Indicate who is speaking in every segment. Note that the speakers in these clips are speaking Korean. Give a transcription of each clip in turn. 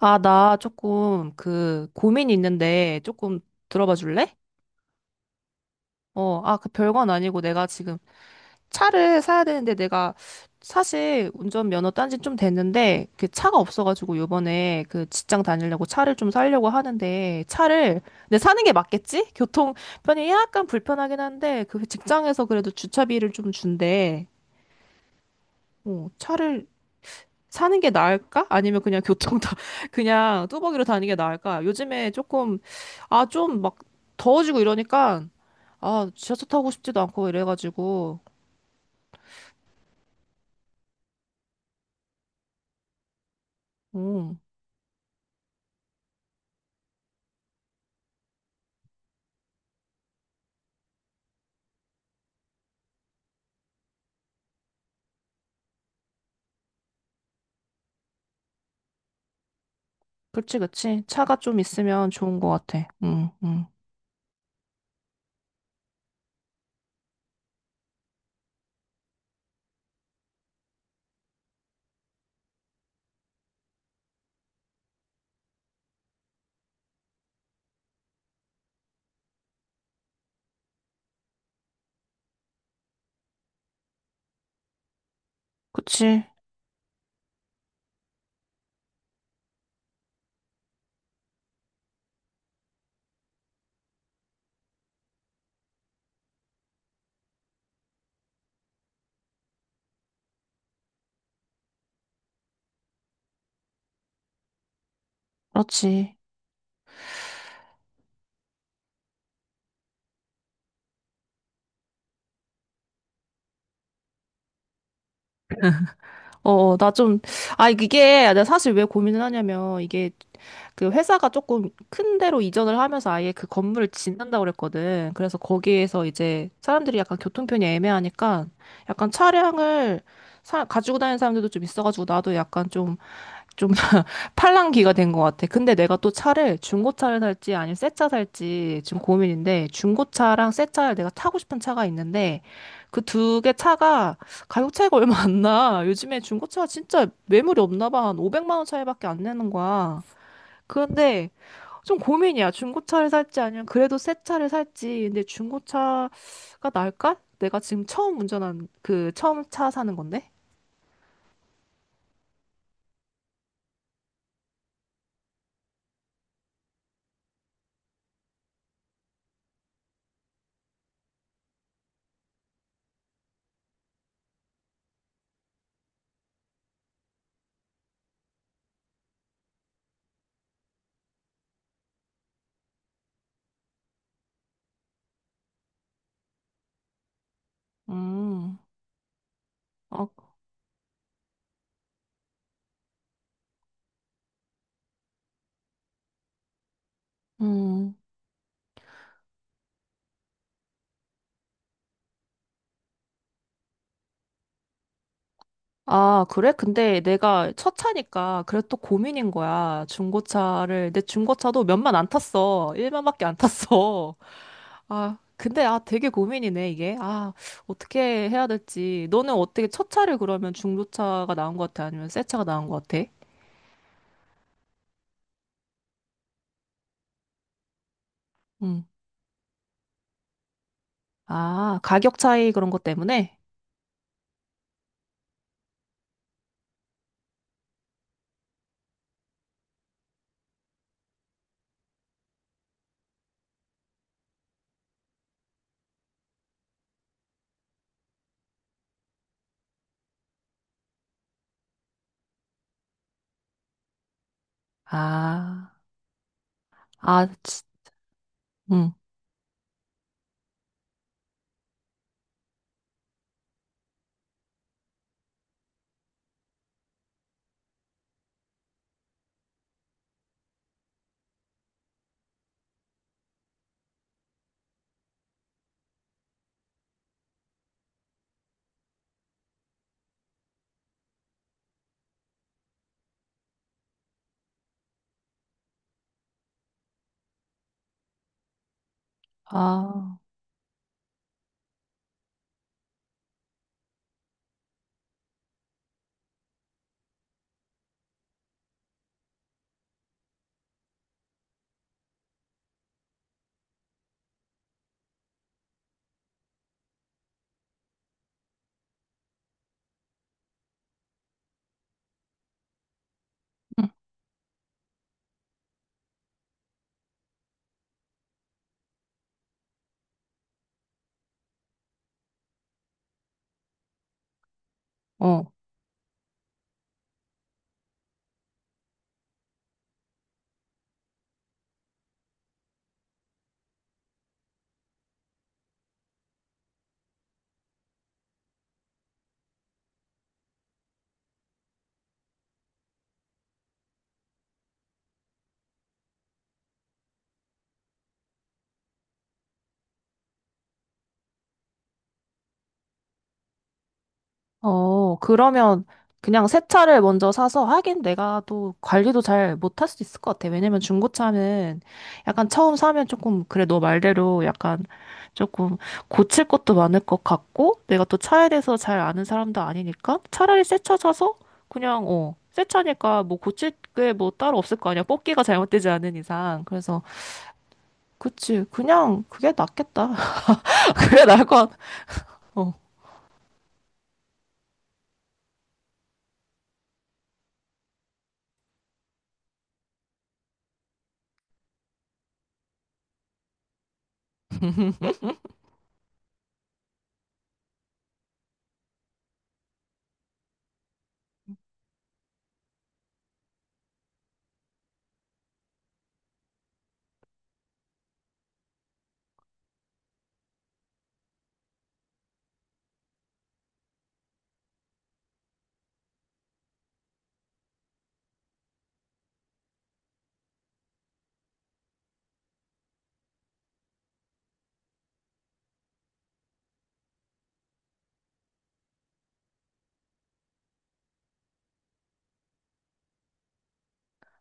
Speaker 1: 아, 나 조금 그 고민이 있는데 조금 들어봐 줄래? 그 별건 아니고 내가 지금 차를 사야 되는데 내가 사실 운전면허 딴지 좀 됐는데 그 차가 없어가지고 요번에 그 직장 다니려고 차를 좀 사려고 하는데 차를 근데 사는 게 맞겠지? 교통 편이 약간 불편하긴 한데 그 직장에서 그래도 주차비를 좀 준대. 차를 사는 게 나을까? 아니면 그냥 교통 다 그냥 뚜벅이로 다니는 게 나을까? 요즘에 조금 아 좀 막 더워지고 이러니까 아 지하철 타고 싶지도 않고 이래가지고. 음 그치, 그치, 차가 좀 있으면 좋은 것 같아. 음음. 그치. 그렇지. 어나 좀, 아 이게 내가 사실 왜 고민을 하냐면 이게 그 회사가 조금 큰 데로 이전을 하면서 아예 그 건물을 짓는다고 그랬거든. 그래서 거기에서 이제 사람들이 약간 교통편이 애매하니까 약간 차량을 사, 가지고 다니는 사람들도 좀 있어가지고 나도 약간 좀, 좀 팔랑귀가 된 것 같아. 근데 내가 또 차를 중고차를 살지 아니면 새차 살지 지금 고민인데 중고차랑 새 차를 내가 타고 싶은 차가 있는데 그 두 개 차가 가격 차이가 얼마 안 나. 요즘에 중고차가 진짜 매물이 없나 봐. 한 500만 원 차이밖에 안 내는 거야. 그런데 좀 고민이야. 중고차를 살지 아니면 그래도 새 차를 살지. 근데 중고차가 나을까? 내가 지금 처음 운전한 그 처음 차 사는 건데. 음. 아, 음. 아, 그래? 근데 내가 첫 차니까 그래도 또 고민인 거야. 중고차를. 내 중고차도 몇만 안 탔어. 1만밖에 안 탔어. 아, 근데 아 되게 고민이네, 이게. 아, 어떻게 해야 될지. 너는 어떻게 첫 차를 그러면 중고차가 나은 것 같아? 아니면 새 차가 나은 것 같아? 아, 가격 차이 그런 것 때문에? 아, 아, 치-. 응. 아. 응. 어. 어, 그러면 그냥 새 차를 먼저 사서 하긴 내가 또 관리도 잘 못할 수 있을 것 같아. 왜냐면 중고차는 약간 처음 사면 조금, 그래, 너 말대로 약간 조금 고칠 것도 많을 것 같고, 내가 또 차에 대해서 잘 아는 사람도 아니니까 차라리 새 차 사서 그냥, 어, 새 차니까 뭐 고칠 게 뭐 따로 없을 거 아니야. 뽑기가 잘못되지 않은 이상. 그래서 그치. 그냥 그게 낫겠다. 그게 나을 것 같아. 어.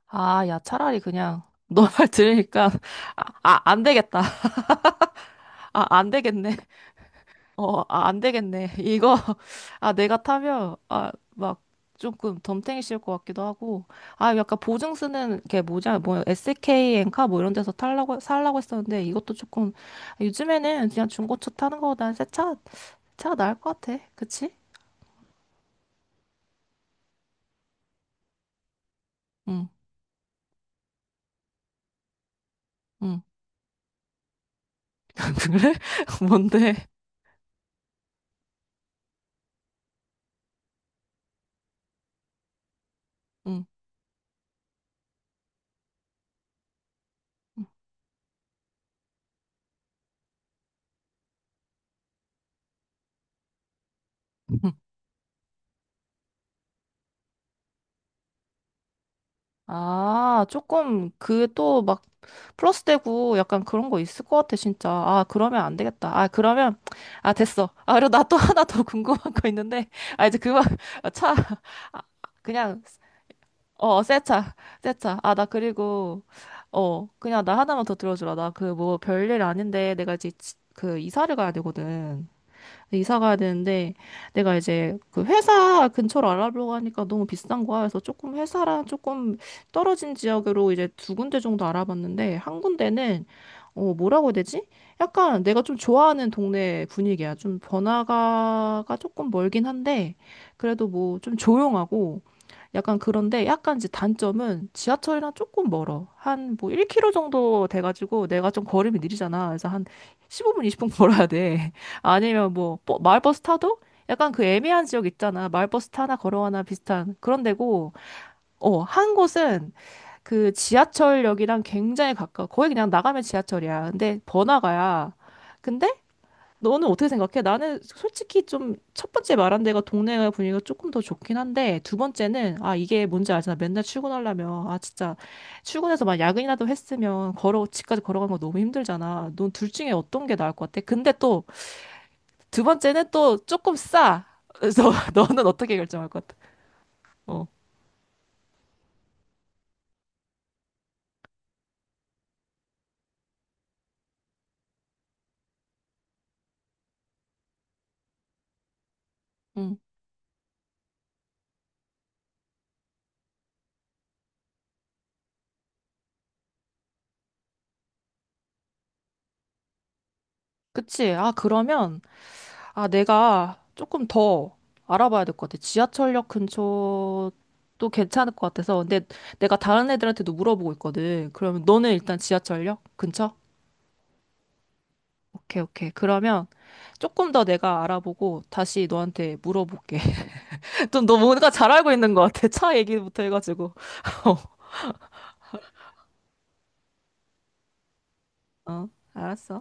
Speaker 1: 아, 야, 차라리 그냥 너 말 들으니까 아, 아, 안 되겠다. 아, 안 되겠네. 어, 아, 안 되겠네. 이거 아, 내가 타면 아, 막 조금 덤탱이 씌울 것 같기도 하고. 아, 약간 보증 쓰는 게 뭐냐? 뭐 SK 엔카 뭐 이런 데서 탈라고 살라고 했었는데 이것도 조금 요즘에는 그냥 중고차 타는 거보다는 새 차, 차가 나을 것 같아. 그치? 응. 응. 그래? 뭔데? 응. 응. 아, 조금 그 또 막 플러스 되고 약간 그런 거 있을 것 같아, 진짜. 아, 그러면 안 되겠다. 아, 그러면 아, 됐어. 아, 그리고 나 또 하나 더 궁금한 거 있는데. 아, 이제 그만 차 아, 그냥 어, 새 차. 새 차. 아, 나 그리고 어, 그냥 나 하나만 더 들어주라. 나 그 뭐 별일 아닌데 내가 이제 지- 그 이사를 가야 되거든. 이사 가야 되는데 내가 이제 그 회사 근처로 알아보려고 하니까 너무 비싼 거야. 그래서 조금 회사랑 조금 떨어진 지역으로 이제 두 군데 정도 알아봤는데 한 군데는 어 뭐라고 해야 되지? 약간 내가 좀 좋아하는 동네 분위기야. 좀 번화가가 조금 멀긴 한데 그래도 뭐 좀 조용하고 약간 그런데 약간 이제 단점은 지하철이랑 조금 멀어. 한 뭐 1km 정도 돼가지고 내가 좀 걸음이 느리잖아. 그래서 한 15분, 20분 걸어야 돼. 아니면 뭐 버- 마을버스 타도 약간 그 애매한 지역 있잖아. 마을버스 타나 걸어가나 비슷한 그런 데고. 어, 한 곳은 그 지하철역이랑 굉장히 가까워. 거의 그냥 나가면 지하철이야. 근데 번화가야. 근데 너는 어떻게 생각해? 나는 솔직히 좀 첫 번째 말한 데가 동네 분위기가 조금 더 좋긴 한데 두 번째는 아 이게 뭔지 알잖아. 맨날 출근하려면 아 진짜 출근해서 막 야근이라도 했으면 걸어 집까지 걸어가는 거 너무 힘들잖아. 넌 둘 중에 어떤 게 나을 것 같아? 근데 또 두 번째는 또 조금 싸. 그래서 너는 어떻게 결정할 것 같아? 어. 응, 그치. 아, 그러면, 아, 내가 조금 더 알아봐야 될 것 같아. 지하철역 근처도 괜찮을 것 같아서. 근데 내가 다른 애들한테도 물어보고 있거든. 그러면 너는 일단 지하철역 근처? 오케이, 오케이. 그러면 조금 더 내가 알아보고 다시 너한테 물어볼게. 좀 너 뭔가 잘 알고 있는 것 같아. 차 얘기부터 해가지고. 어, 알았어.